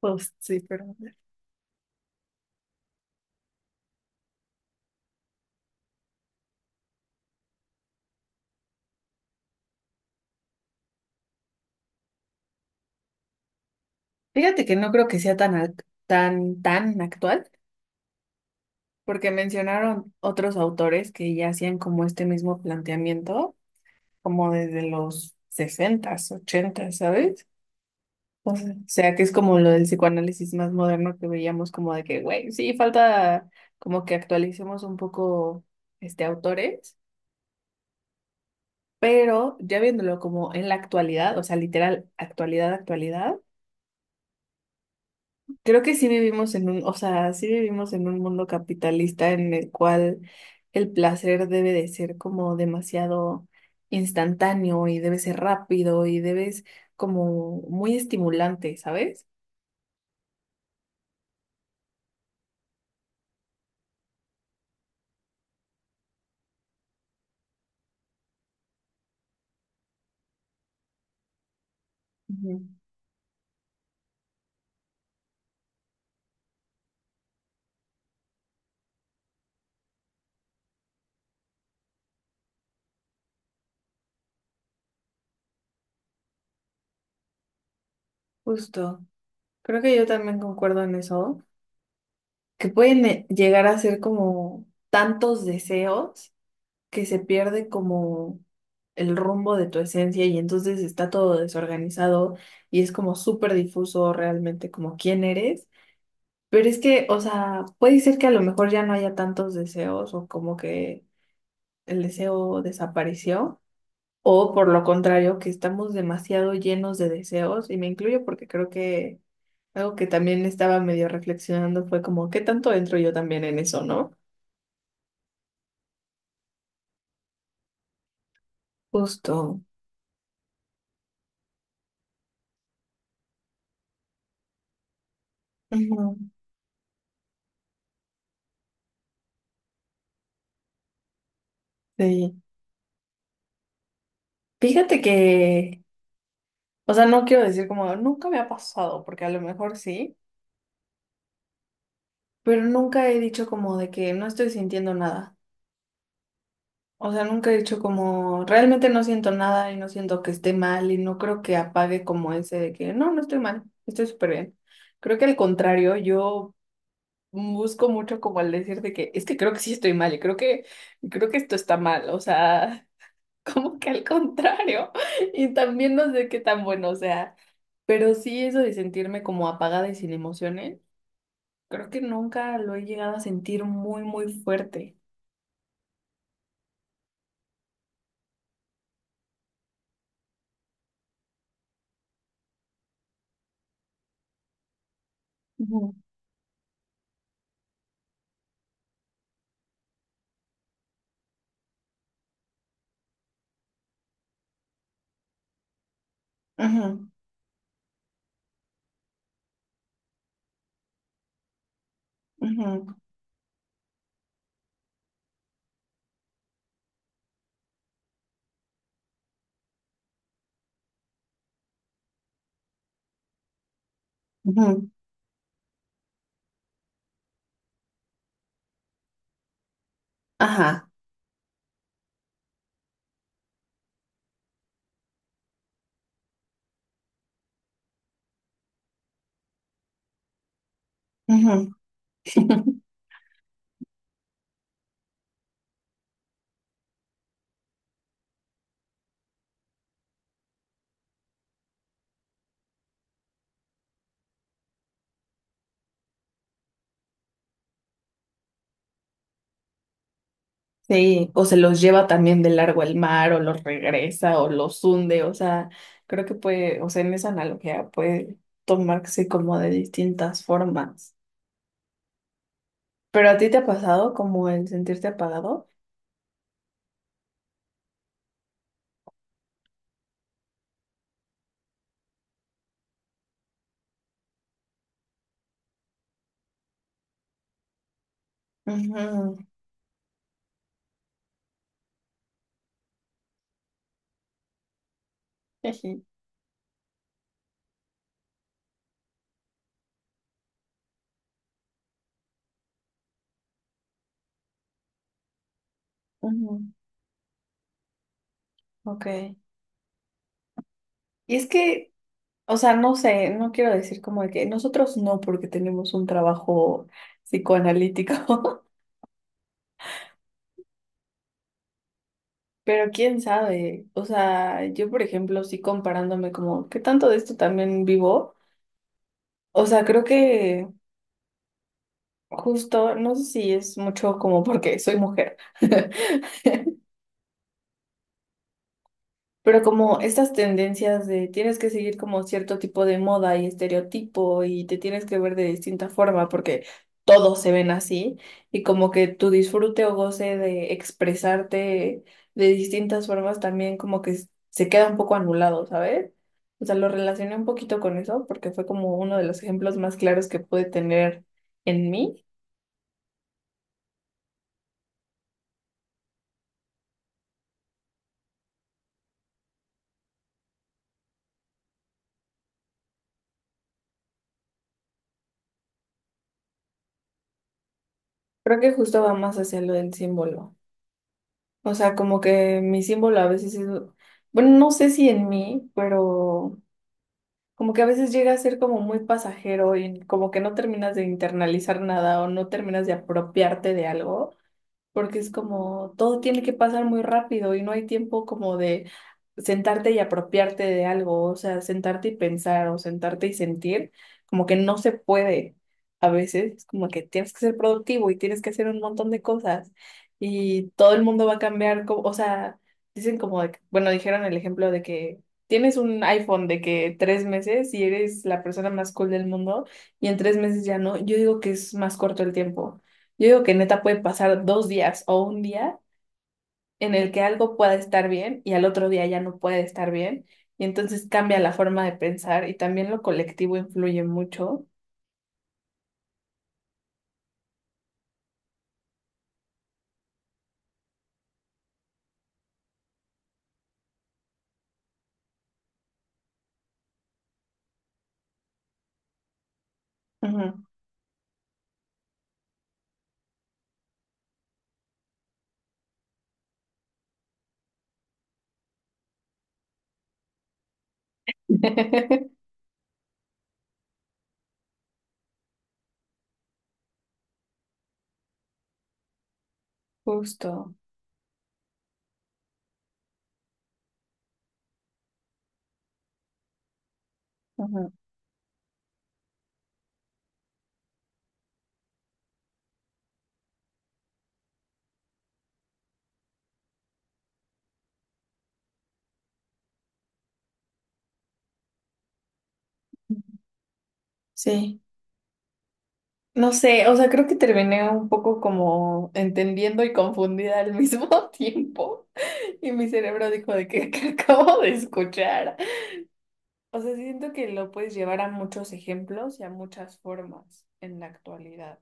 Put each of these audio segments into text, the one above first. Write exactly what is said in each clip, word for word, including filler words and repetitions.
Post, sí, pero fíjate que no creo que sea tan, ac- tan, tan actual, porque mencionaron otros autores que ya hacían como este mismo planteamiento, como desde los sesentas ochentas, ¿sabes? O sea, o sea, que es como lo del psicoanálisis más moderno que veíamos como de que, güey, sí, falta como que actualicemos un poco este autores, pero ya viéndolo como en la actualidad, o sea, literal, actualidad, actualidad. Creo que sí vivimos en un, o sea, sí vivimos en un mundo capitalista en el cual el placer debe de ser como demasiado instantáneo y debe ser rápido y debes como muy estimulante, ¿sabes? Ujú. Justo. Creo que yo también concuerdo en eso, que pueden eh, llegar a ser como tantos deseos que se pierde como el rumbo de tu esencia y entonces está todo desorganizado y es como súper difuso realmente como quién eres. Pero es que, o sea, puede ser que a lo mejor ya no haya tantos deseos o como que el deseo desapareció o por lo contrario, que estamos demasiado llenos de deseos y me incluyo porque creo que algo que también estaba medio reflexionando fue como, ¿qué tanto entro yo también en eso, no? Justo. Ujú. Sí. Fíjate que o sea, no quiero decir como nunca me ha pasado, porque a lo mejor sí, pero nunca he dicho como de que no estoy sintiendo nada. O sea, nunca he dicho como realmente no siento nada y no siento que esté mal y no creo que apague como ese de que no, no estoy mal, estoy súper bien. Creo que al contrario, yo busco mucho como al decir de que es que creo que sí estoy mal y creo que creo que esto está mal. O sea, como que al contrario. Y también no sé qué tan bueno, o sea, pero sí eso de sentirme como apagada y sin emociones. Creo que nunca lo he llegado a sentir muy, muy fuerte. Ujú. Ujú, ujú, ujú. Ajá. Ujú. Sí, o se los lleva también de largo el mar, o los regresa, o los hunde, o sea, creo que puede, o sea, en esa analogía puede tomarse como de distintas formas. ¿Pero a ti te ha pasado como el sentirte apagado? Ujú, ujú, ujú. Ok. Y es que o sea, no sé, no quiero decir como de que nosotros no, porque tenemos un trabajo psicoanalítico, pero quién sabe. O sea, yo, por ejemplo, sí comparándome como, ¿qué tanto de esto también vivo? O sea, creo que justo, no sé si es mucho como porque soy mujer, pero como estas tendencias de tienes que seguir como cierto tipo de moda y estereotipo y te tienes que ver de distinta forma porque todos se ven así y como que tu disfrute o goce de expresarte de distintas formas también como que s- se queda un poco anulado, ¿sabes? O sea, lo relacioné un poquito con eso porque fue como uno de los ejemplos más claros que pude tener en mí. Creo que justo va más hacia lo del símbolo. O sea, como que mi símbolo a veces es, bueno, no sé si en mí, pero como que a veces llega a ser como muy pasajero y como que no terminas de internalizar nada o no terminas de apropiarte de algo porque es como todo tiene que pasar muy rápido y no hay tiempo como de sentarte y apropiarte de algo, o sea, sentarte y pensar o sentarte y sentir, como que no se puede a veces, es como que tienes que ser productivo y tienes que hacer un montón de cosas y todo el mundo va a cambiar, co- o sea, dicen como, de que- bueno, dijeron el ejemplo de que… Tienes un iPhone de que tres meses y eres la persona más cool del mundo y en tres meses ya no. Yo digo que es más corto el tiempo. Yo digo que neta puede pasar dos días o un día en el que algo pueda estar bien y al otro día ya no puede estar bien. Y entonces cambia la forma de pensar y también lo colectivo influye mucho. Ujú. Justo. Ujú. Sí. No sé, o sea, creo que terminé un poco como entendiendo y confundida al mismo tiempo. Y mi cerebro dijo de que, que acabo de escuchar. O sea, siento que lo puedes llevar a muchos ejemplos y a muchas formas en la actualidad.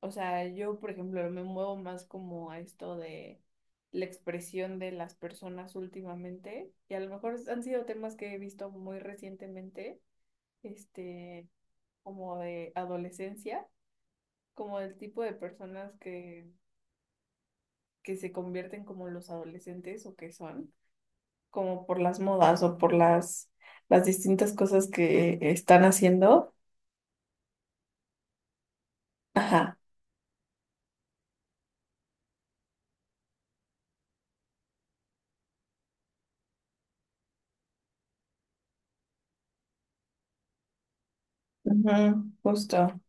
O sea, yo, por ejemplo, me muevo más como a esto de la expresión de las personas últimamente, y a lo mejor han sido temas que he visto muy recientemente, este, como de adolescencia, como del tipo de personas que, que se convierten como los adolescentes o que son, como por las modas o por las, las distintas cosas que están haciendo. Ajá, ujú, justo,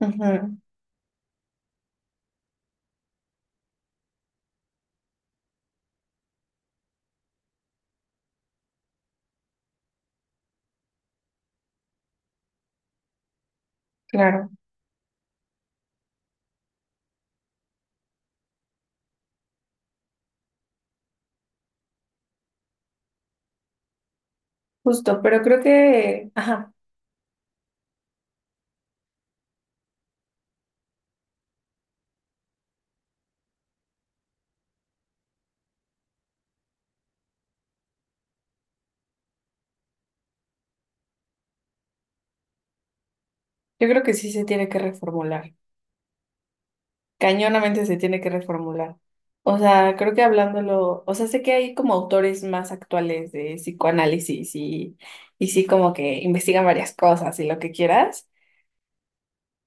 ujú, claro, justo, pero creo que, ajá. Yo creo que sí se tiene que reformular. Cañonamente se tiene que reformular. O sea, creo que hablándolo, o sea, sé que hay como autores más actuales de psicoanálisis y, y sí como que investigan varias cosas y lo que quieras,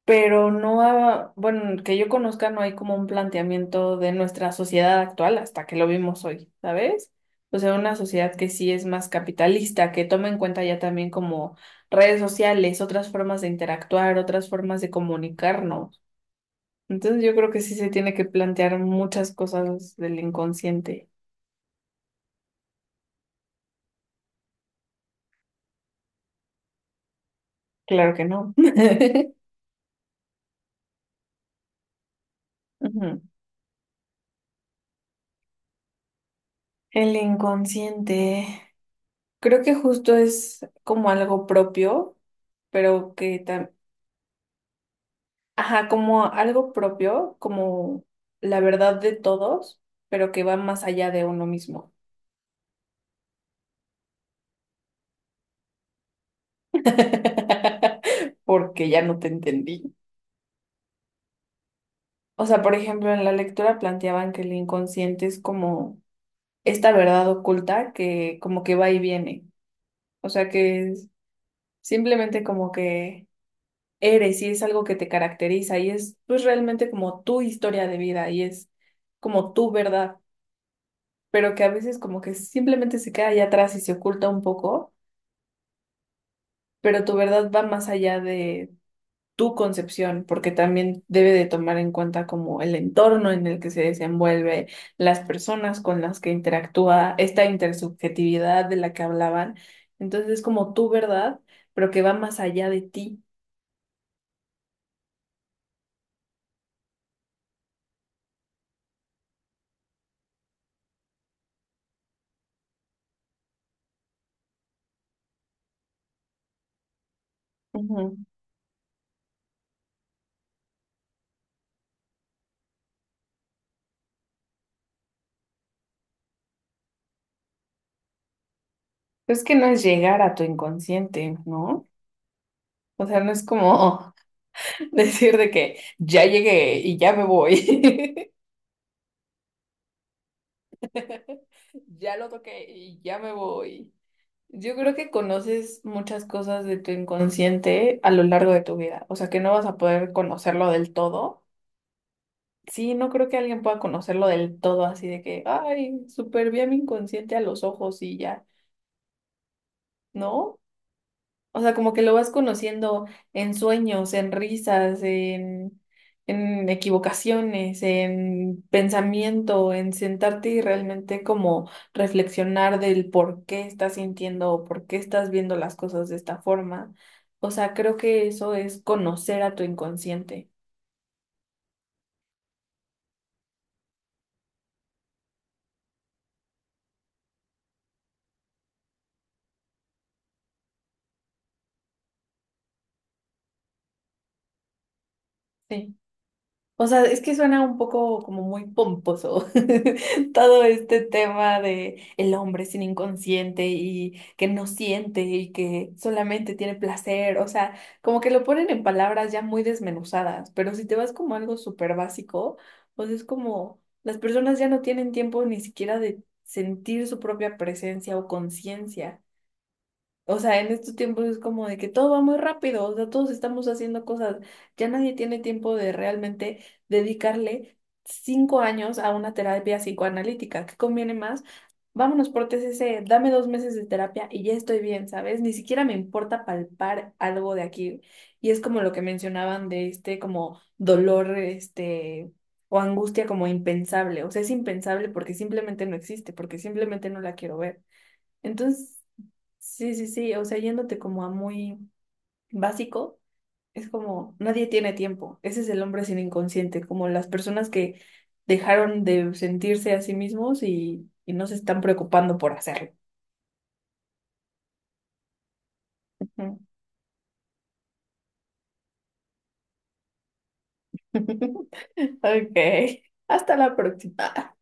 pero no, ha- bueno, que yo conozca no hay como un planteamiento de nuestra sociedad actual hasta que lo vimos hoy, ¿sabes? O sea, una sociedad que sí es más capitalista, que toma en cuenta ya también como redes sociales, otras formas de interactuar, otras formas de comunicarnos. Entonces yo creo que sí se tiene que plantear muchas cosas del inconsciente. Claro que no. Ujú. El inconsciente creo que justo es como algo propio, pero que también, ajá, como algo propio, como la verdad de todos, pero que va más allá de uno mismo. Porque ya no te entendí. O sea, por ejemplo, en la lectura planteaban que el inconsciente es como esta verdad oculta que como que va y viene. O sea que es simplemente como que eres y es algo que te caracteriza y es pues realmente como tu historia de vida y es como tu verdad, pero que a veces como que simplemente se queda allá atrás y se oculta un poco, pero tu verdad va más allá de tu concepción, porque también debe de tomar en cuenta como el entorno en el que se desenvuelve, las personas con las que interactúa, esta intersubjetividad de la que hablaban. Entonces es como tu verdad, pero que va más allá de ti. Ujú. Es que no es llegar a tu inconsciente, ¿no? O sea, no es como decir de que ya llegué y ya me voy. Ya lo toqué y ya me voy. Yo creo que conoces muchas cosas de tu inconsciente a lo largo de tu vida. O sea, que no vas a poder conocerlo del todo. Sí, no creo que alguien pueda conocerlo del todo así de que, ay, súper bien mi inconsciente a los ojos y ya. No, o sea, como que lo vas conociendo en sueños, en risas, en, en, equivocaciones, en pensamiento, en sentarte y realmente como reflexionar del por qué estás sintiendo o por qué estás viendo las cosas de esta forma. O sea, creo que eso es conocer a tu inconsciente. Sí. O sea, es que suena un poco como muy pomposo todo este tema de el hombre sin inconsciente y que no siente y que solamente tiene placer. O sea, como que lo ponen en palabras ya muy desmenuzadas, pero si te vas como algo súper básico, pues es como las personas ya no tienen tiempo ni siquiera de sentir su propia presencia o conciencia. O sea, en estos tiempos es como de que todo va muy rápido, o sea, todos estamos haciendo cosas, ya nadie tiene tiempo de realmente dedicarle cinco años a una terapia psicoanalítica. ¿Qué conviene más? Vámonos por T C C, dame dos meses de terapia y ya estoy bien, ¿sabes? Ni siquiera me importa palpar algo de aquí. Y es como lo que mencionaban de este como dolor, este, o angustia como impensable. O sea, es impensable porque simplemente no existe, porque simplemente no la quiero ver. Entonces, sí, sí, sí, o sea, yéndote como a muy básico, es como nadie tiene tiempo. Ese es el hombre sin inconsciente, como las personas que dejaron de sentirse a sí mismos y, y no se están preocupando por hacerlo. Ujú. Ok, hasta la próxima.